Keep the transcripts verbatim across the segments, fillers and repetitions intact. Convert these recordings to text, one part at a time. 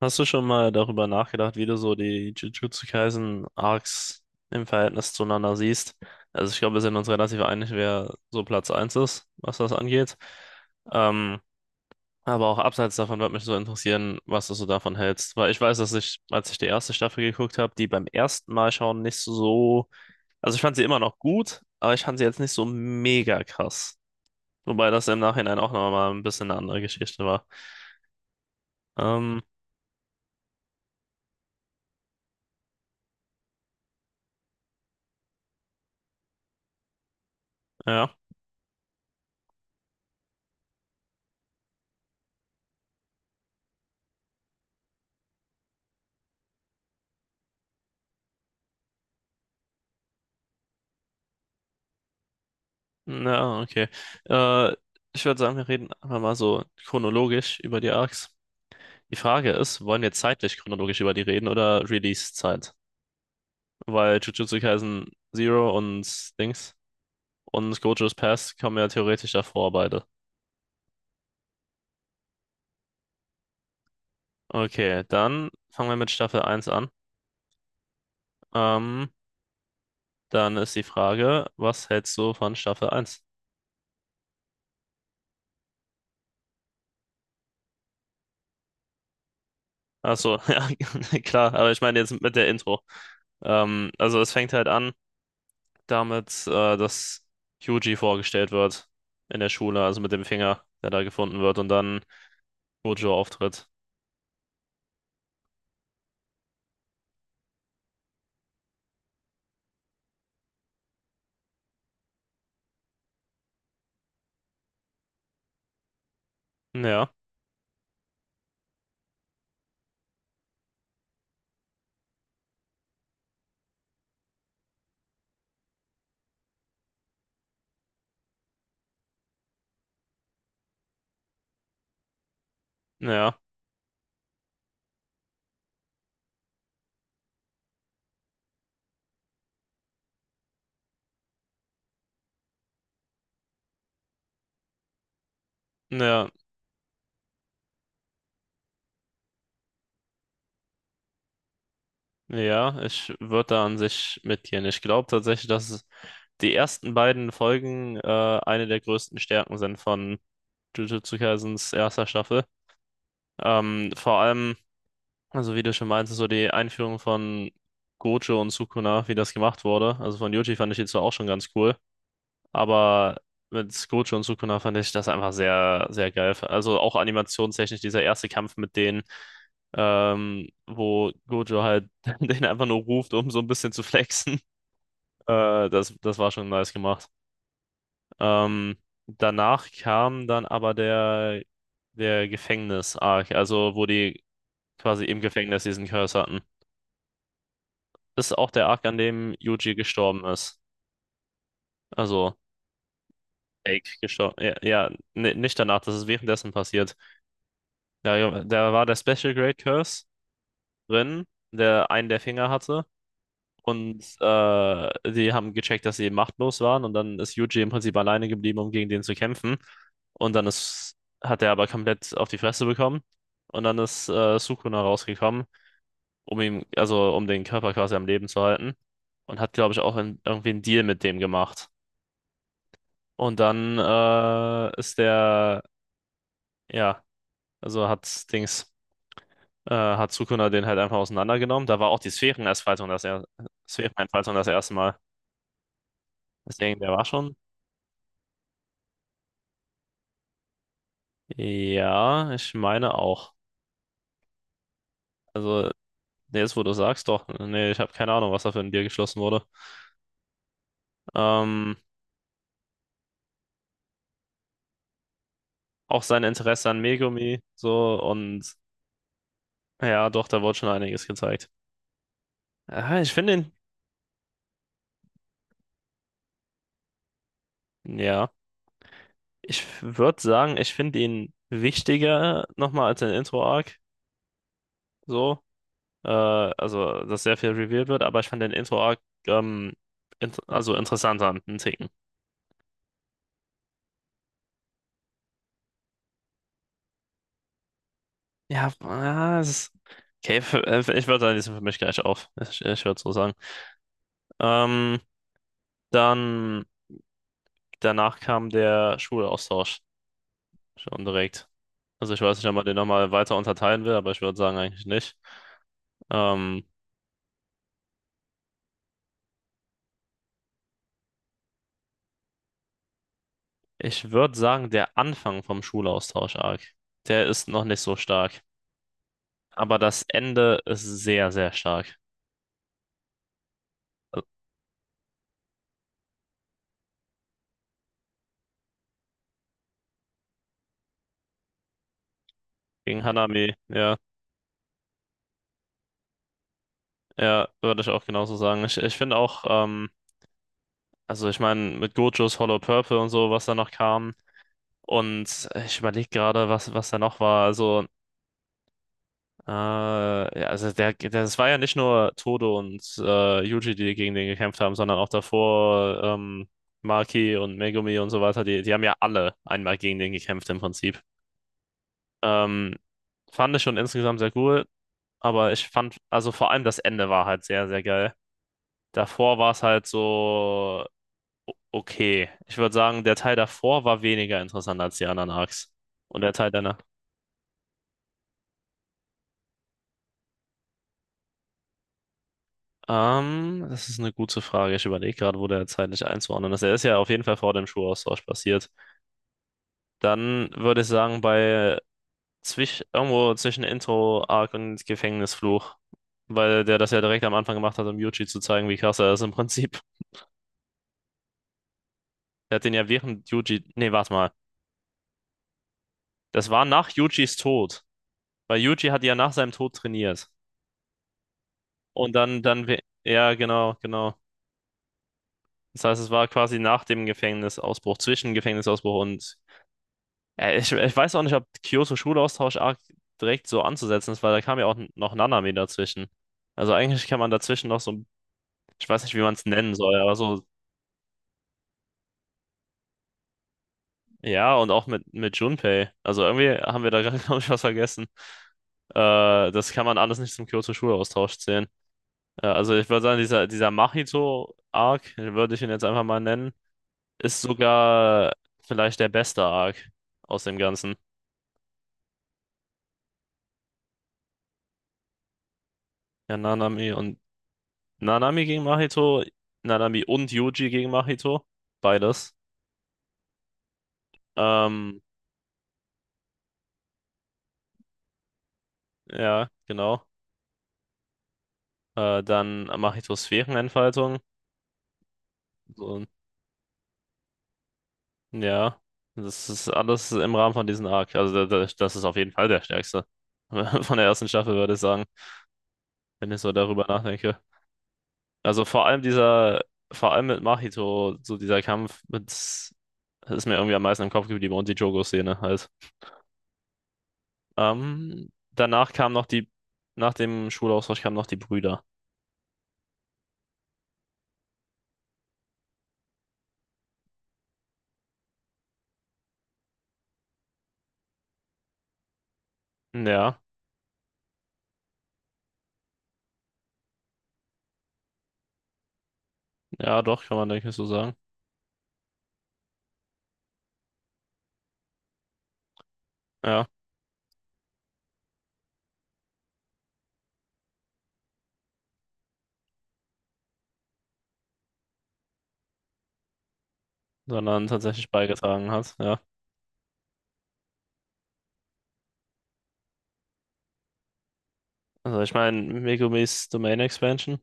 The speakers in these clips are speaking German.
Hast du schon mal darüber nachgedacht, wie du so die Jujutsu Kaisen Arcs im Verhältnis zueinander siehst? Also ich glaube, wir sind uns relativ einig, wer so Platz eins ist, was das angeht. Ähm, aber auch abseits davon würde mich so interessieren, was du so davon hältst. Weil ich weiß, dass ich, als ich die erste Staffel geguckt habe, die beim ersten Mal schauen nicht so. Also ich fand sie immer noch gut, aber ich fand sie jetzt nicht so mega krass. Wobei das im Nachhinein auch nochmal ein bisschen eine andere Geschichte war. Ähm, ja. Na, okay. Äh, Ich würde sagen, wir reden einfach mal so chronologisch über die Arcs. Die Frage ist, wollen wir zeitlich chronologisch über die reden oder Release-Zeit? Weil Jujutsu Kaisen Zero und Dings und Gojo's Past kommen ja theoretisch davor beide. Okay, dann fangen wir mit Staffel eins an. Ähm, dann ist die Frage, was hältst du von Staffel eins? Achso, ja, klar, aber ich meine jetzt mit der Intro. Ähm, also es fängt halt an. Damit, äh, dass Hyuji vorgestellt wird in der Schule, also mit dem Finger, der da gefunden wird und dann Gojo auftritt. Ja, ja, ja, ja, ich würde da an sich mitgehen. Ich glaube tatsächlich, dass die ersten beiden Folgen äh, eine der größten Stärken sind von Jujutsu Kaisens erster Staffel. Ähm, vor allem, also wie du schon meintest, so die Einführung von Gojo und Sukuna, wie das gemacht wurde. Also von Yuji fand ich die zwar auch schon ganz cool, aber mit Gojo und Sukuna fand ich das einfach sehr, sehr geil. Also auch animationstechnisch, dieser erste Kampf mit denen, ähm, wo Gojo halt den einfach nur ruft, um so ein bisschen zu flexen. Äh, das, das war schon nice gemacht. Ähm, danach kam dann aber der, der Gefängnis-Arc, also wo die quasi im Gefängnis diesen Curse hatten. Das ist auch der Arc, an dem Yuji gestorben ist. Also, Jake gestorben. Ja, ja, ni- nicht danach, das ist währenddessen passiert. Da, da war der Special grade Curse drin, der einen der Finger hatte. Und äh, die haben gecheckt, dass sie machtlos waren. Und dann ist Yuji im Prinzip alleine geblieben, um gegen den zu kämpfen. Und dann ist, hat er aber komplett auf die Fresse bekommen. Und dann ist äh, Sukuna rausgekommen, um ihm, also um den Körper quasi am Leben zu halten. Und hat, glaube ich, auch in, irgendwie einen Deal mit dem gemacht. Und dann äh, ist der, ja, also hat Dings. äh, hat Sukuna den halt einfach auseinandergenommen. Da war auch die Sphärenentfaltung das, er Sphärenentfaltung das erste Mal. Deswegen, der war schon. Ja, ich meine auch. Also, nee, jetzt wo du sagst, doch. Nee, ich habe keine Ahnung, was da für ein Deal geschlossen wurde. Ähm, auch sein Interesse an Megumi, so und ja, doch, da wurde schon einiges gezeigt. Ah, ich finde ihn, ja, ich würde sagen, ich finde ihn wichtiger nochmal als den Intro-Arc, so, äh, also dass sehr viel revealed wird, aber ich fand den Intro-Arc ähm, int also interessanter, einen Ticken. Ja, ja, es ist. Okay, für, äh, ich würde sagen, die sind für mich gleich auf. Ich, ich würde so sagen. Ähm, dann danach kam der Schulaustausch schon direkt. Also ich weiß nicht, ob man den nochmal weiter unterteilen will, aber ich würde sagen eigentlich nicht. Ähm, ich würde sagen, der Anfang vom Schulaustausch-Arc, der ist noch nicht so stark. Aber das Ende ist sehr, sehr stark. Also gegen Hanami, ja. Ja, würde ich auch genauso sagen. Ich, ich finde auch, ähm, also ich meine, mit Gojos Hollow Purple und so, was da noch kam. Und ich überlege gerade, was, was da noch war. Also, äh, ja, also der, der, das war ja nicht nur Todo und äh, Yuji, die gegen den gekämpft haben, sondern auch davor ähm, Maki und Megumi und so weiter. Die, die haben ja alle einmal gegen den gekämpft im Prinzip. Ähm, fand ich schon insgesamt sehr cool, aber ich fand, also vor allem das Ende war halt sehr, sehr geil. Davor war es halt so. Okay. Ich würde sagen, der Teil davor war weniger interessant als die anderen Arcs. Und der Teil danach. Ähm, das ist eine gute Frage. Ich überlege gerade, wo der zeitlich einzuordnen ist. Er ist ja auf jeden Fall vor dem Schulaustausch passiert. Dann würde ich sagen, bei zwisch irgendwo zwischen Intro-Arc und Gefängnisfluch. Weil der das ja direkt am Anfang gemacht hat, um Yuji zu zeigen, wie krass er ist im Prinzip. Der hat den ja während Yuji. Nee, warte mal. Das war nach Yujis Tod. Weil Yuji hat ja nach seinem Tod trainiert. Und dann, dann, we- ja, genau, genau. Das heißt, es war quasi nach dem Gefängnisausbruch, zwischen Gefängnisausbruch und. Äh, ich, ich weiß auch nicht, ob Kyoto-Schulaustausch arg direkt so anzusetzen ist, weil da kam ja auch n- noch Nanami dazwischen. Also eigentlich kann man dazwischen noch so, ein- ich weiß nicht, wie man es nennen soll, aber so, ja, und auch mit, mit Junpei. Also irgendwie haben wir da gerade, glaube ich, was vergessen. Äh, das kann man alles nicht zum Kyoto-Schulaustausch zählen. Äh, also ich würde sagen, dieser, dieser Mahito-Arc, würde ich ihn jetzt einfach mal nennen, ist sogar vielleicht der beste Arc aus dem Ganzen. Ja, Nanami und Nanami gegen Mahito, Nanami und Yuji gegen Mahito, beides. Ähm, ja, genau. Äh, dann Mahitos Sphärenentfaltung. So, ja, das ist alles im Rahmen von diesem Arc. Also da- da- das ist auf jeden Fall der stärkste von der ersten Staffel, würde ich sagen, wenn ich so darüber nachdenke. Also vor allem dieser, vor allem mit Mahito, so dieser Kampf, mit, das ist mir irgendwie am meisten im Kopf geblieben und die Jogo-Szene halt. Ähm, danach kam noch die, nach dem Schulaustausch kamen noch die Brüder. Ja, ja, doch, kann man denke ich so sagen. Ja, sondern tatsächlich beigetragen hat, ja. Also ich meine, Megumis Domain Expansion,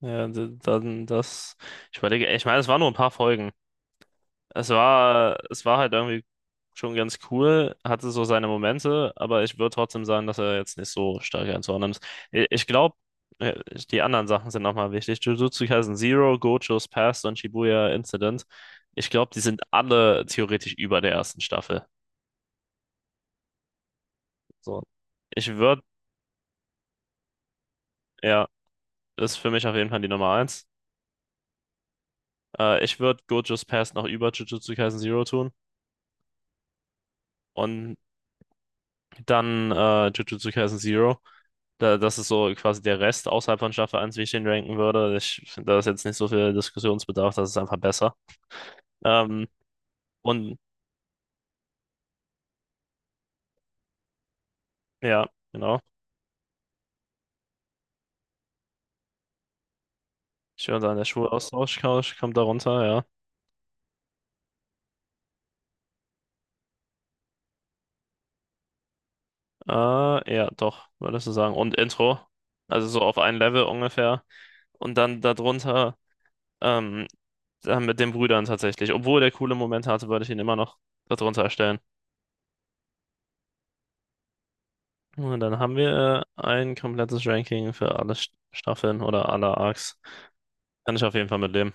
ja, d- dann das, ich überlege, ich meine, es waren nur ein paar Folgen, Es war, es war halt irgendwie schon ganz cool, hatte so seine Momente, aber ich würde trotzdem sagen, dass er jetzt nicht so stark einzuordnen ist. I- Ich glaube, die anderen Sachen sind nochmal wichtig. Jujutsu Kaisen Zero, Gojo's Past und Shibuya Incident. Ich glaube, die sind alle theoretisch über der ersten Staffel. So. Ich würde, ja, ist für mich auf jeden Fall die Nummer eins. Äh, ich würde Gojo's Past noch über Jujutsu Kaisen Zero tun und dann äh, Jujutsu Kaisen Zero. Da, das ist so quasi der Rest außerhalb von Staffel eins, wie ich den ranken würde. Ich finde, da ist jetzt nicht so viel Diskussionsbedarf, das ist einfach besser. Ähm, und ja, genau. Ich höre dann der Schulaustausch Couch kommt da runter, ja. Äh, ja, doch, würdest du sagen. Und Intro. Also so auf ein Level ungefähr. Und dann darunter, ähm, dann mit den Brüdern tatsächlich. Obwohl der coole Moment hatte, würde ich ihn immer noch darunter stellen. Und dann haben wir äh, ein komplettes Ranking für alle St- Staffeln oder alle Arcs. Kann ich auf jeden Fall mitleben.